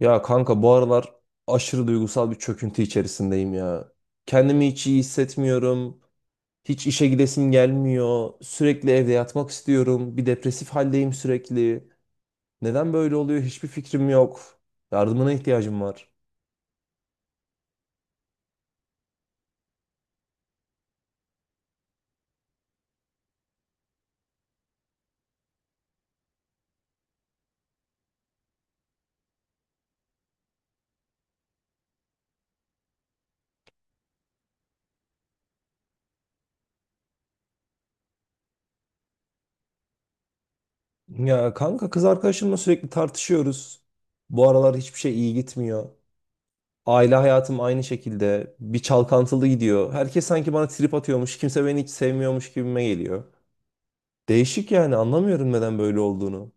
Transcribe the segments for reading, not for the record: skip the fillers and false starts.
Ya kanka bu aralar aşırı duygusal bir çöküntü içerisindeyim ya. Kendimi hiç iyi hissetmiyorum. Hiç işe gidesim gelmiyor. Sürekli evde yatmak istiyorum. Bir depresif haldeyim sürekli. Neden böyle oluyor hiçbir fikrim yok. Yardımına ihtiyacım var. Ya kanka kız arkadaşımla sürekli tartışıyoruz. Bu aralar hiçbir şey iyi gitmiyor. Aile hayatım aynı şekilde. Bir çalkantılı gidiyor. Herkes sanki bana trip atıyormuş. Kimse beni hiç sevmiyormuş gibime geliyor. Değişik yani anlamıyorum neden böyle olduğunu.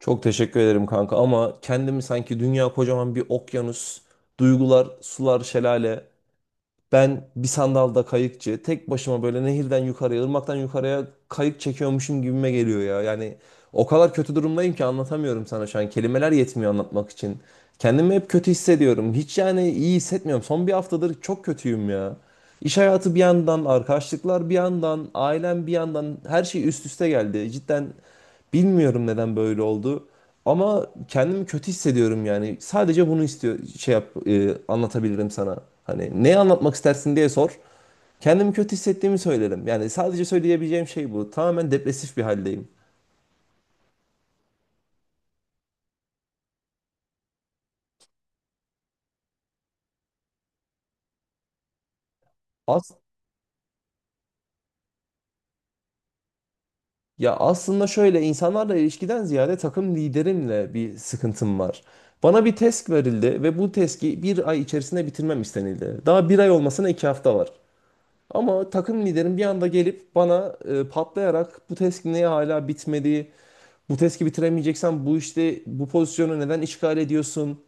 Çok teşekkür ederim kanka, ama kendimi sanki dünya kocaman bir okyanus, duygular, sular, şelale. Ben bir sandalda kayıkçı, tek başıma böyle nehirden yukarıya, ırmaktan yukarıya kayık çekiyormuşum gibime geliyor ya. Yani o kadar kötü durumdayım ki anlatamıyorum sana şu an. Kelimeler yetmiyor anlatmak için. Kendimi hep kötü hissediyorum. Hiç yani iyi hissetmiyorum. Son bir haftadır çok kötüyüm ya. İş hayatı bir yandan, arkadaşlıklar bir yandan, ailem bir yandan her şey üst üste geldi. Cidden bilmiyorum neden böyle oldu. Ama kendimi kötü hissediyorum yani. Sadece bunu istiyor şey yap anlatabilirim sana. Hani ne anlatmak istersin diye sor. Kendimi kötü hissettiğimi söylerim. Yani sadece söyleyebileceğim şey bu. Tamamen depresif bir haldeyim. As ya aslında şöyle insanlarla ilişkiden ziyade takım liderimle bir sıkıntım var. Bana bir task verildi ve bu task'i bir ay içerisinde bitirmem istenildi. Daha bir ay olmasına 2 hafta var. Ama takım liderim bir anda gelip bana patlayarak, bu task niye hala bitmedi? Bu task'i bitiremeyeceksen bu işte bu pozisyonu neden işgal ediyorsun?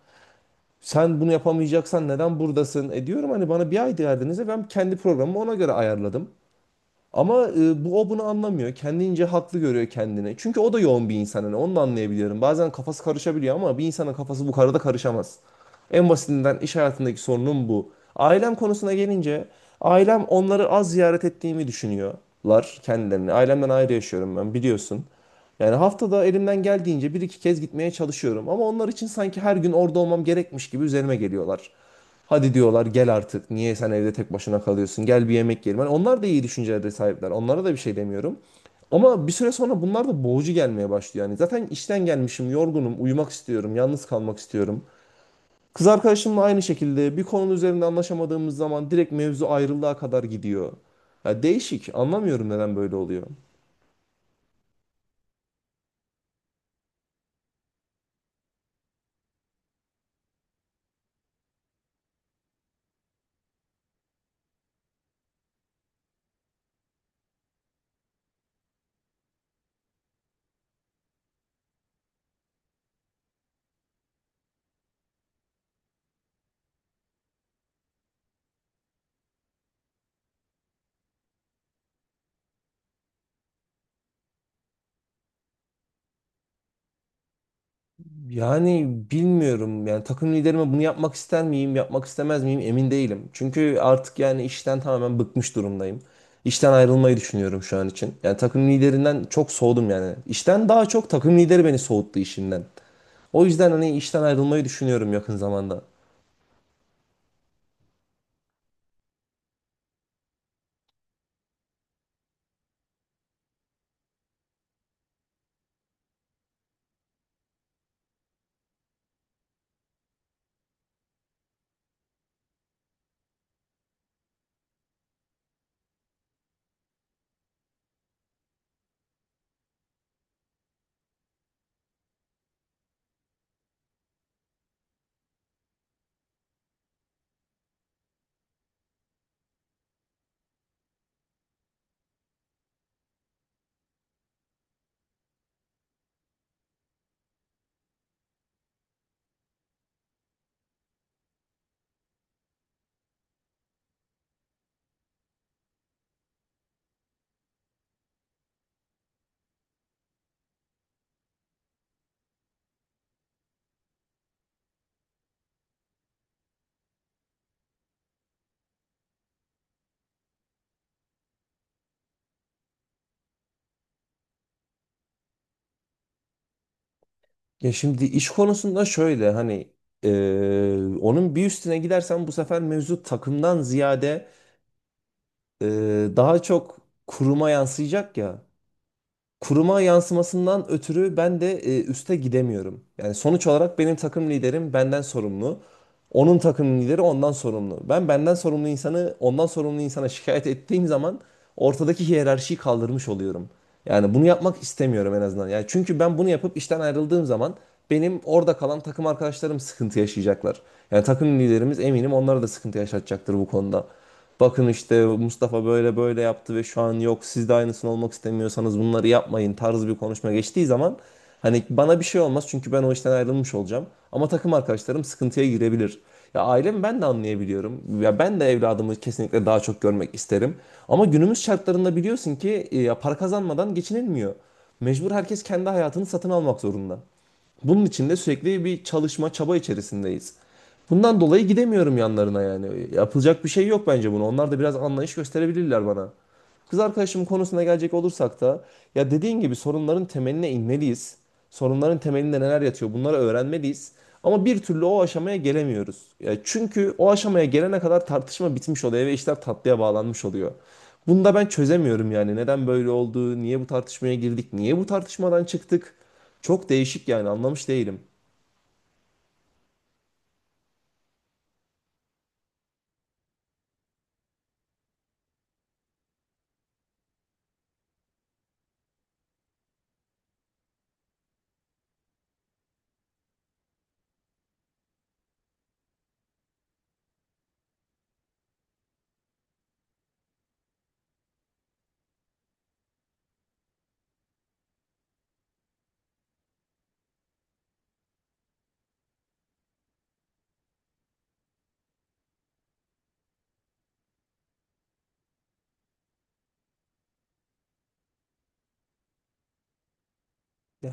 Sen bunu yapamayacaksan neden buradasın? E diyorum, hani bana bir ay verdiniz ve ben kendi programımı ona göre ayarladım. Ama bu o bunu anlamıyor. Kendince haklı görüyor kendini. Çünkü o da yoğun bir insan. Hani onu da anlayabiliyorum. Bazen kafası karışabiliyor ama bir insanın kafası bu kadar da karışamaz. En basitinden iş hayatındaki sorunum bu. Ailem konusuna gelince, ailem onları az ziyaret ettiğimi düşünüyorlar kendilerini. Ailemden ayrı yaşıyorum ben, biliyorsun. Yani haftada elimden geldiğince bir iki kez gitmeye çalışıyorum. Ama onlar için sanki her gün orada olmam gerekmiş gibi üzerime geliyorlar. Hadi diyorlar, gel artık. Niye sen evde tek başına kalıyorsun? Gel bir yemek yiyelim. Hani onlar da iyi düşüncelere sahipler. Onlara da bir şey demiyorum. Ama bir süre sonra bunlar da boğucu gelmeye başlıyor. Yani zaten işten gelmişim, yorgunum, uyumak istiyorum, yalnız kalmak istiyorum. Kız arkadaşımla aynı şekilde, bir konunun üzerinde anlaşamadığımız zaman direkt mevzu ayrılığa kadar gidiyor. Ya değişik. Anlamıyorum neden böyle oluyor. Yani bilmiyorum yani takım liderime bunu yapmak ister miyim, yapmak istemez miyim emin değilim. Çünkü artık yani işten tamamen bıkmış durumdayım. İşten ayrılmayı düşünüyorum şu an için. Yani takım liderinden çok soğudum yani. İşten daha çok takım lideri beni soğuttu işinden. O yüzden hani işten ayrılmayı düşünüyorum yakın zamanda. Ya şimdi iş konusunda şöyle, hani onun bir üstüne gidersem bu sefer mevzu takımdan ziyade, eee, daha çok kuruma yansıyacak ya. Kuruma yansımasından ötürü ben de üste gidemiyorum. Yani sonuç olarak benim takım liderim benden sorumlu. Onun takım lideri ondan sorumlu. Ben benden sorumlu insanı ondan sorumlu insana şikayet ettiğim zaman ortadaki hiyerarşiyi kaldırmış oluyorum. Yani bunu yapmak istemiyorum en azından. Yani çünkü ben bunu yapıp işten ayrıldığım zaman benim orada kalan takım arkadaşlarım sıkıntı yaşayacaklar. Yani takım liderimiz eminim onlara da sıkıntı yaşatacaktır bu konuda. Bakın işte Mustafa böyle böyle yaptı ve şu an yok, siz de aynısını olmak istemiyorsanız bunları yapmayın tarzı bir konuşma geçtiği zaman, hani bana bir şey olmaz çünkü ben o işten ayrılmış olacağım. Ama takım arkadaşlarım sıkıntıya girebilir. Ya ailemi ben de anlayabiliyorum. Ya ben de evladımı kesinlikle daha çok görmek isterim. Ama günümüz şartlarında biliyorsun ki ya para kazanmadan geçinilmiyor. Mecbur herkes kendi hayatını satın almak zorunda. Bunun için de sürekli bir çalışma, çaba içerisindeyiz. Bundan dolayı gidemiyorum yanlarına yani. Yapılacak bir şey yok bence bunu. Onlar da biraz anlayış gösterebilirler bana. Kız arkadaşım konusuna gelecek olursak da, ya dediğin gibi sorunların temeline inmeliyiz. Sorunların temelinde neler yatıyor, bunları öğrenmeliyiz. Ama bir türlü o aşamaya gelemiyoruz. Ya çünkü o aşamaya gelene kadar tartışma bitmiş oluyor ve işler tatlıya bağlanmış oluyor. Bunu da ben çözemiyorum yani. Neden böyle oldu? Niye bu tartışmaya girdik? Niye bu tartışmadan çıktık? Çok değişik yani anlamış değilim.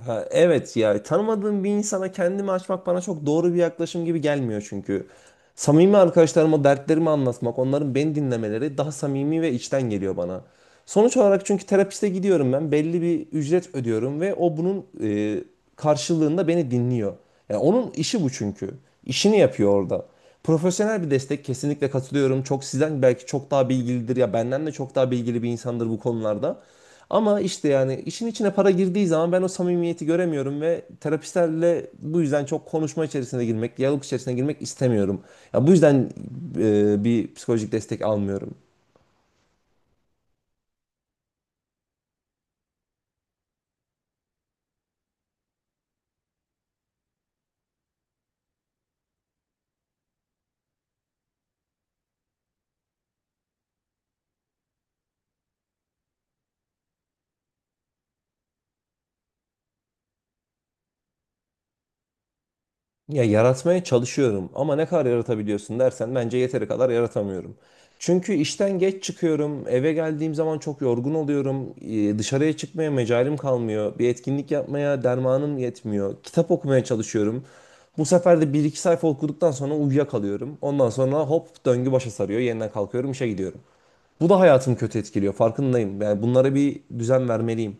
Ha, evet, ya tanımadığım bir insana kendimi açmak bana çok doğru bir yaklaşım gibi gelmiyor çünkü. Samimi arkadaşlarıma dertlerimi anlatmak, onların beni dinlemeleri daha samimi ve içten geliyor bana. Sonuç olarak çünkü terapiste gidiyorum ben, belli bir ücret ödüyorum ve o bunun karşılığında beni dinliyor. Yani onun işi bu çünkü. İşini yapıyor orada. Profesyonel bir destek, kesinlikle katılıyorum. Çok sizden belki çok daha bilgilidir, ya benden de çok daha bilgili bir insandır bu konularda. Ama işte yani işin içine para girdiği zaman ben o samimiyeti göremiyorum ve terapistlerle bu yüzden çok konuşma içerisine girmek, diyalog içerisine girmek istemiyorum. Ya bu yüzden bir psikolojik destek almıyorum. Ya yaratmaya çalışıyorum ama ne kadar yaratabiliyorsun dersen bence yeteri kadar yaratamıyorum. Çünkü işten geç çıkıyorum, eve geldiğim zaman çok yorgun oluyorum, dışarıya çıkmaya mecalim kalmıyor, bir etkinlik yapmaya dermanım yetmiyor, kitap okumaya çalışıyorum. Bu sefer de bir iki sayfa okuduktan sonra uyuyakalıyorum. Ondan sonra hop döngü başa sarıyor, yeniden kalkıyorum, işe gidiyorum. Bu da hayatımı kötü etkiliyor, farkındayım. Yani bunlara bir düzen vermeliyim.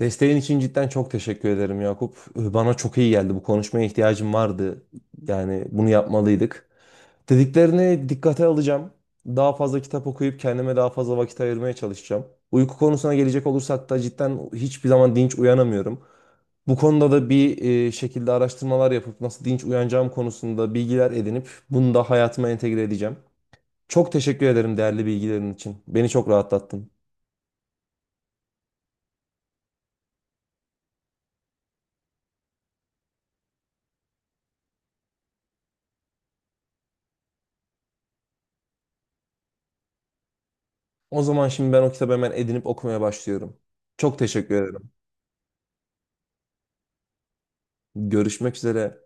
Desteğin için cidden çok teşekkür ederim Yakup. Bana çok iyi geldi. Bu konuşmaya ihtiyacım vardı. Yani bunu yapmalıydık. Dediklerini dikkate alacağım. Daha fazla kitap okuyup kendime daha fazla vakit ayırmaya çalışacağım. Uyku konusuna gelecek olursak da cidden hiçbir zaman dinç uyanamıyorum. Bu konuda da bir şekilde araştırmalar yapıp nasıl dinç uyanacağım konusunda bilgiler edinip bunu da hayatıma entegre edeceğim. Çok teşekkür ederim değerli bilgilerin için. Beni çok rahatlattın. O zaman şimdi ben o kitabı hemen edinip okumaya başlıyorum. Çok teşekkür ederim. Görüşmek üzere.